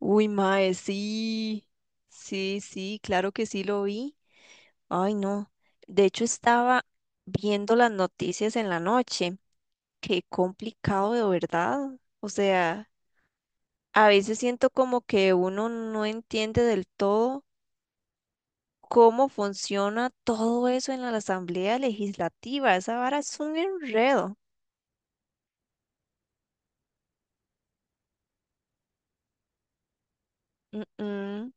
Uy, mae, sí, sí, sí, claro que sí lo vi. Ay, no. De hecho, estaba viendo las noticias en la noche. Qué complicado de verdad. O sea, a veces siento como que uno no entiende del todo cómo funciona todo eso en la Asamblea Legislativa. Esa vara es un enredo. Mm, mm.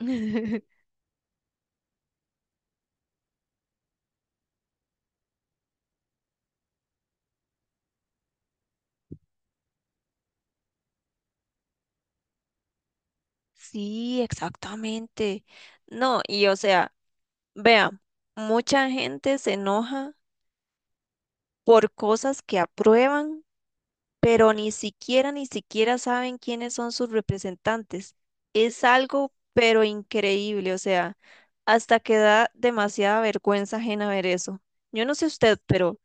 Sí, exactamente. No, y o sea. Vea, mucha gente se enoja por cosas que aprueban, pero ni siquiera saben quiénes son sus representantes. Es algo, pero increíble, o sea, hasta que da demasiada vergüenza ajena ver eso. Yo no sé usted, pero,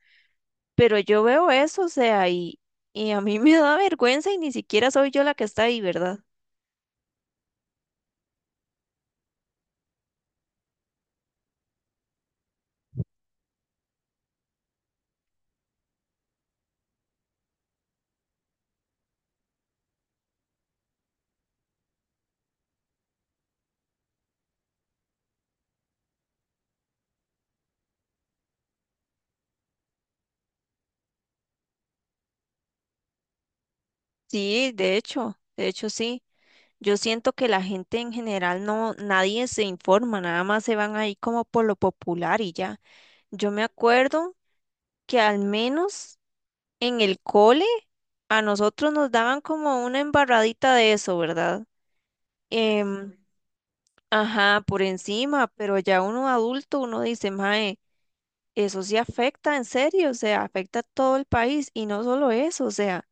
pero yo veo eso, o sea, y a mí me da vergüenza y ni siquiera soy yo la que está ahí, ¿verdad? Sí, de hecho sí. Yo siento que la gente en general no, nadie se informa, nada más se van ahí como por lo popular y ya. Yo me acuerdo que al menos en el cole a nosotros nos daban como una embarradita de eso, ¿verdad? Em, ajá, por encima, pero ya uno adulto, uno dice, mae, eso sí afecta en serio, o sea, afecta a todo el país y no solo eso, o sea,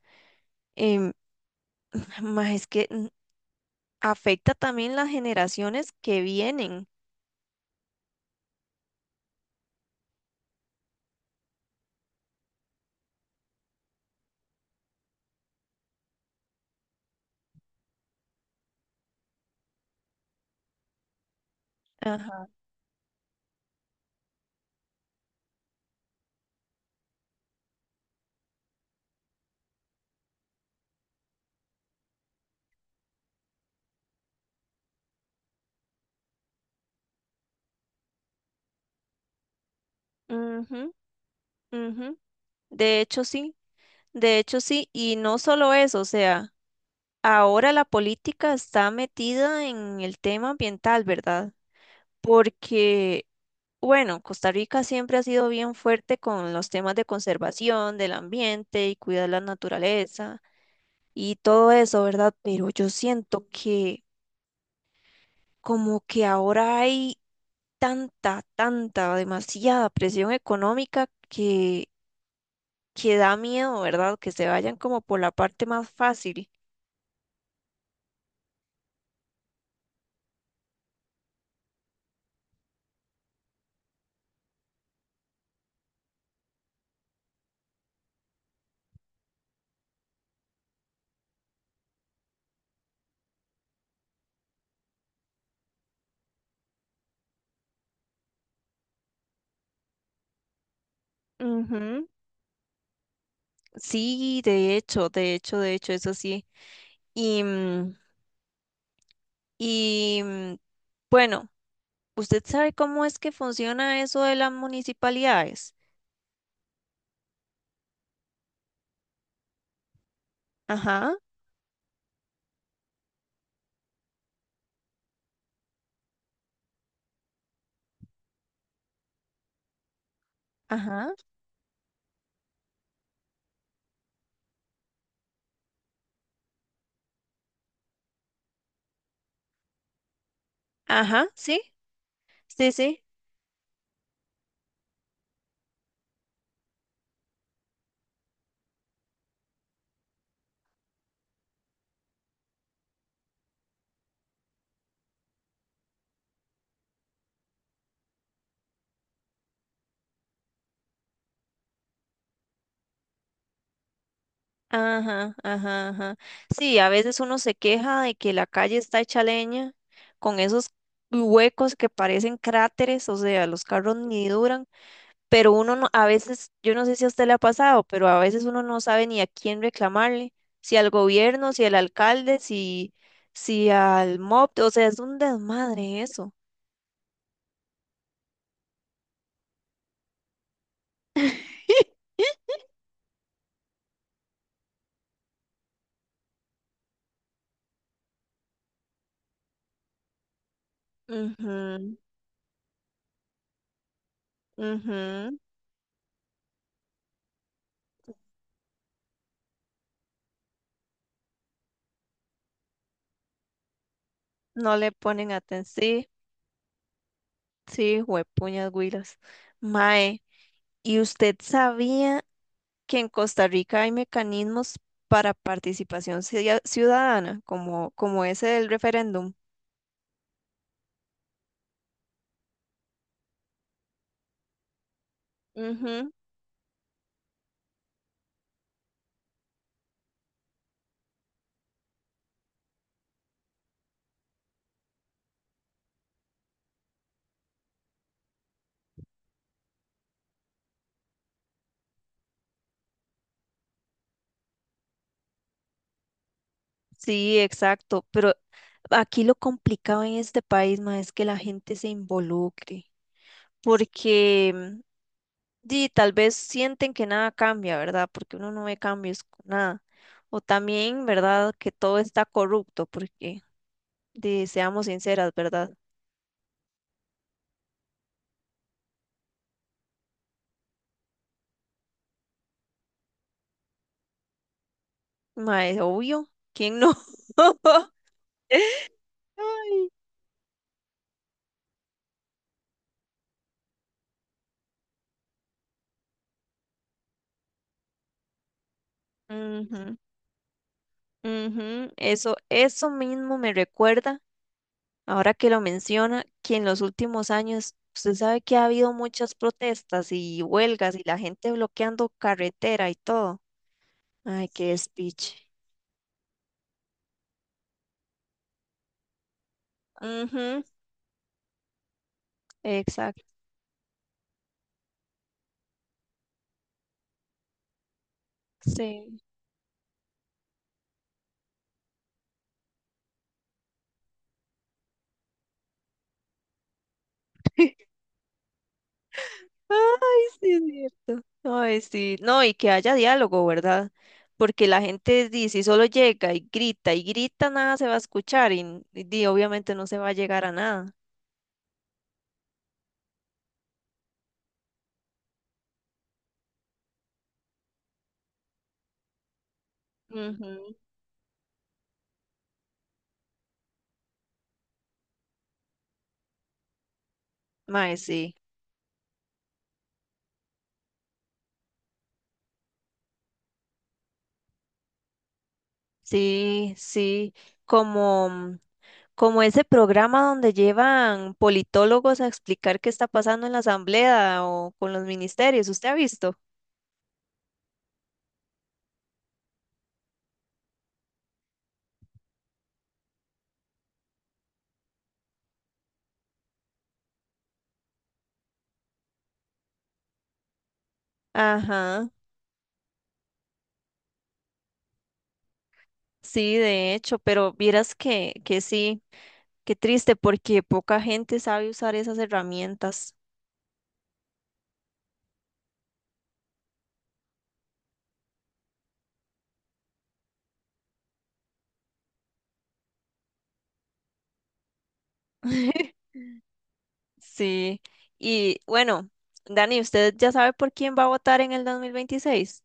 em, mae, es que afecta también las generaciones que vienen. Ajá. Ujú. Ujú, de hecho, sí, de hecho, sí, y no solo eso, o sea, ahora la política está metida en el tema ambiental, ¿verdad? Porque, bueno, Costa Rica siempre ha sido bien fuerte con los temas de conservación del ambiente y cuidar la naturaleza y todo eso, ¿verdad? Pero yo siento que como que ahora hay tanta, tanta, demasiada presión económica que da miedo, ¿verdad? Que se vayan como por la parte más fácil. Ujú. Sí, de hecho, eso sí. Y, mm, y mm, bueno, ¿usted sabe cómo es que funciona eso de las municipalidades? Ajá, ajá. Ajá, sí, sí, sí. Ajá, ajá, ajá. Sí, a veces uno se queja de que la calle está hecha leña con esos huecos que parecen cráteres, o sea, los carros ni duran. Pero uno no- a veces, yo no sé si a usted le ha pasado, pero a veces uno no sabe ni a quién reclamarle, si al gobierno, si al alcalde, si al MOP, o P, o sea, es un desmadre eso. Ujú, ujú. No le ponen atención. Sí, sí, juepuñas güilas. Mae, ¿y usted sabía que en Costa Rica hay mecanismos para participación ciudadana, como ese del referéndum? Ujú. Sí, exacto, pero aquí lo complicado en este país, ma, es que la gente se involucre, porque di, tal vez sienten que nada cambia, ¿verdad? Porque uno no ve cambios con nada. O también, ¿verdad? Que todo está corrupto, porque di, seamos sinceras, ¿verdad? Ma, es obvio, ¿quién no? Ay. Ujú, ujú, Eso mismo me recuerda. Ahora que lo menciona, que en los últimos años usted sabe que ha habido muchas protestas y huelgas y la gente bloqueando carretera y todo. Ay, qué despiche. Ujú, exacto. Sí. Ay, sí, es cierto. Ay, sí. No, y que haya diálogo, ¿verdad? Porque la gente dice, si solo llega y grita, nada se va a escuchar y di, obviamente no se va a llegar a nada. Ujú. Mae, sí, sí, sí, como, Como ese programa donde llevan politólogos a explicar qué está pasando en la asamblea o con los ministerios, ¿usted ha visto? Ajá, sí, de hecho, pero vieras que sí, qué triste porque poca gente sabe usar esas herramientas. Sí, y bueno, Dani, ¿usted ya sabe por quién va a votar en el 2026?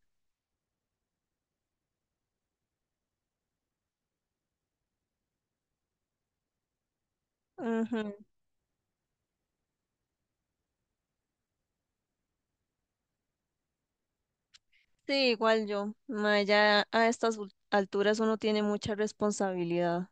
Ujú. Sí, igual yo. Ma, ya a estas alturas uno tiene mucha responsabilidad.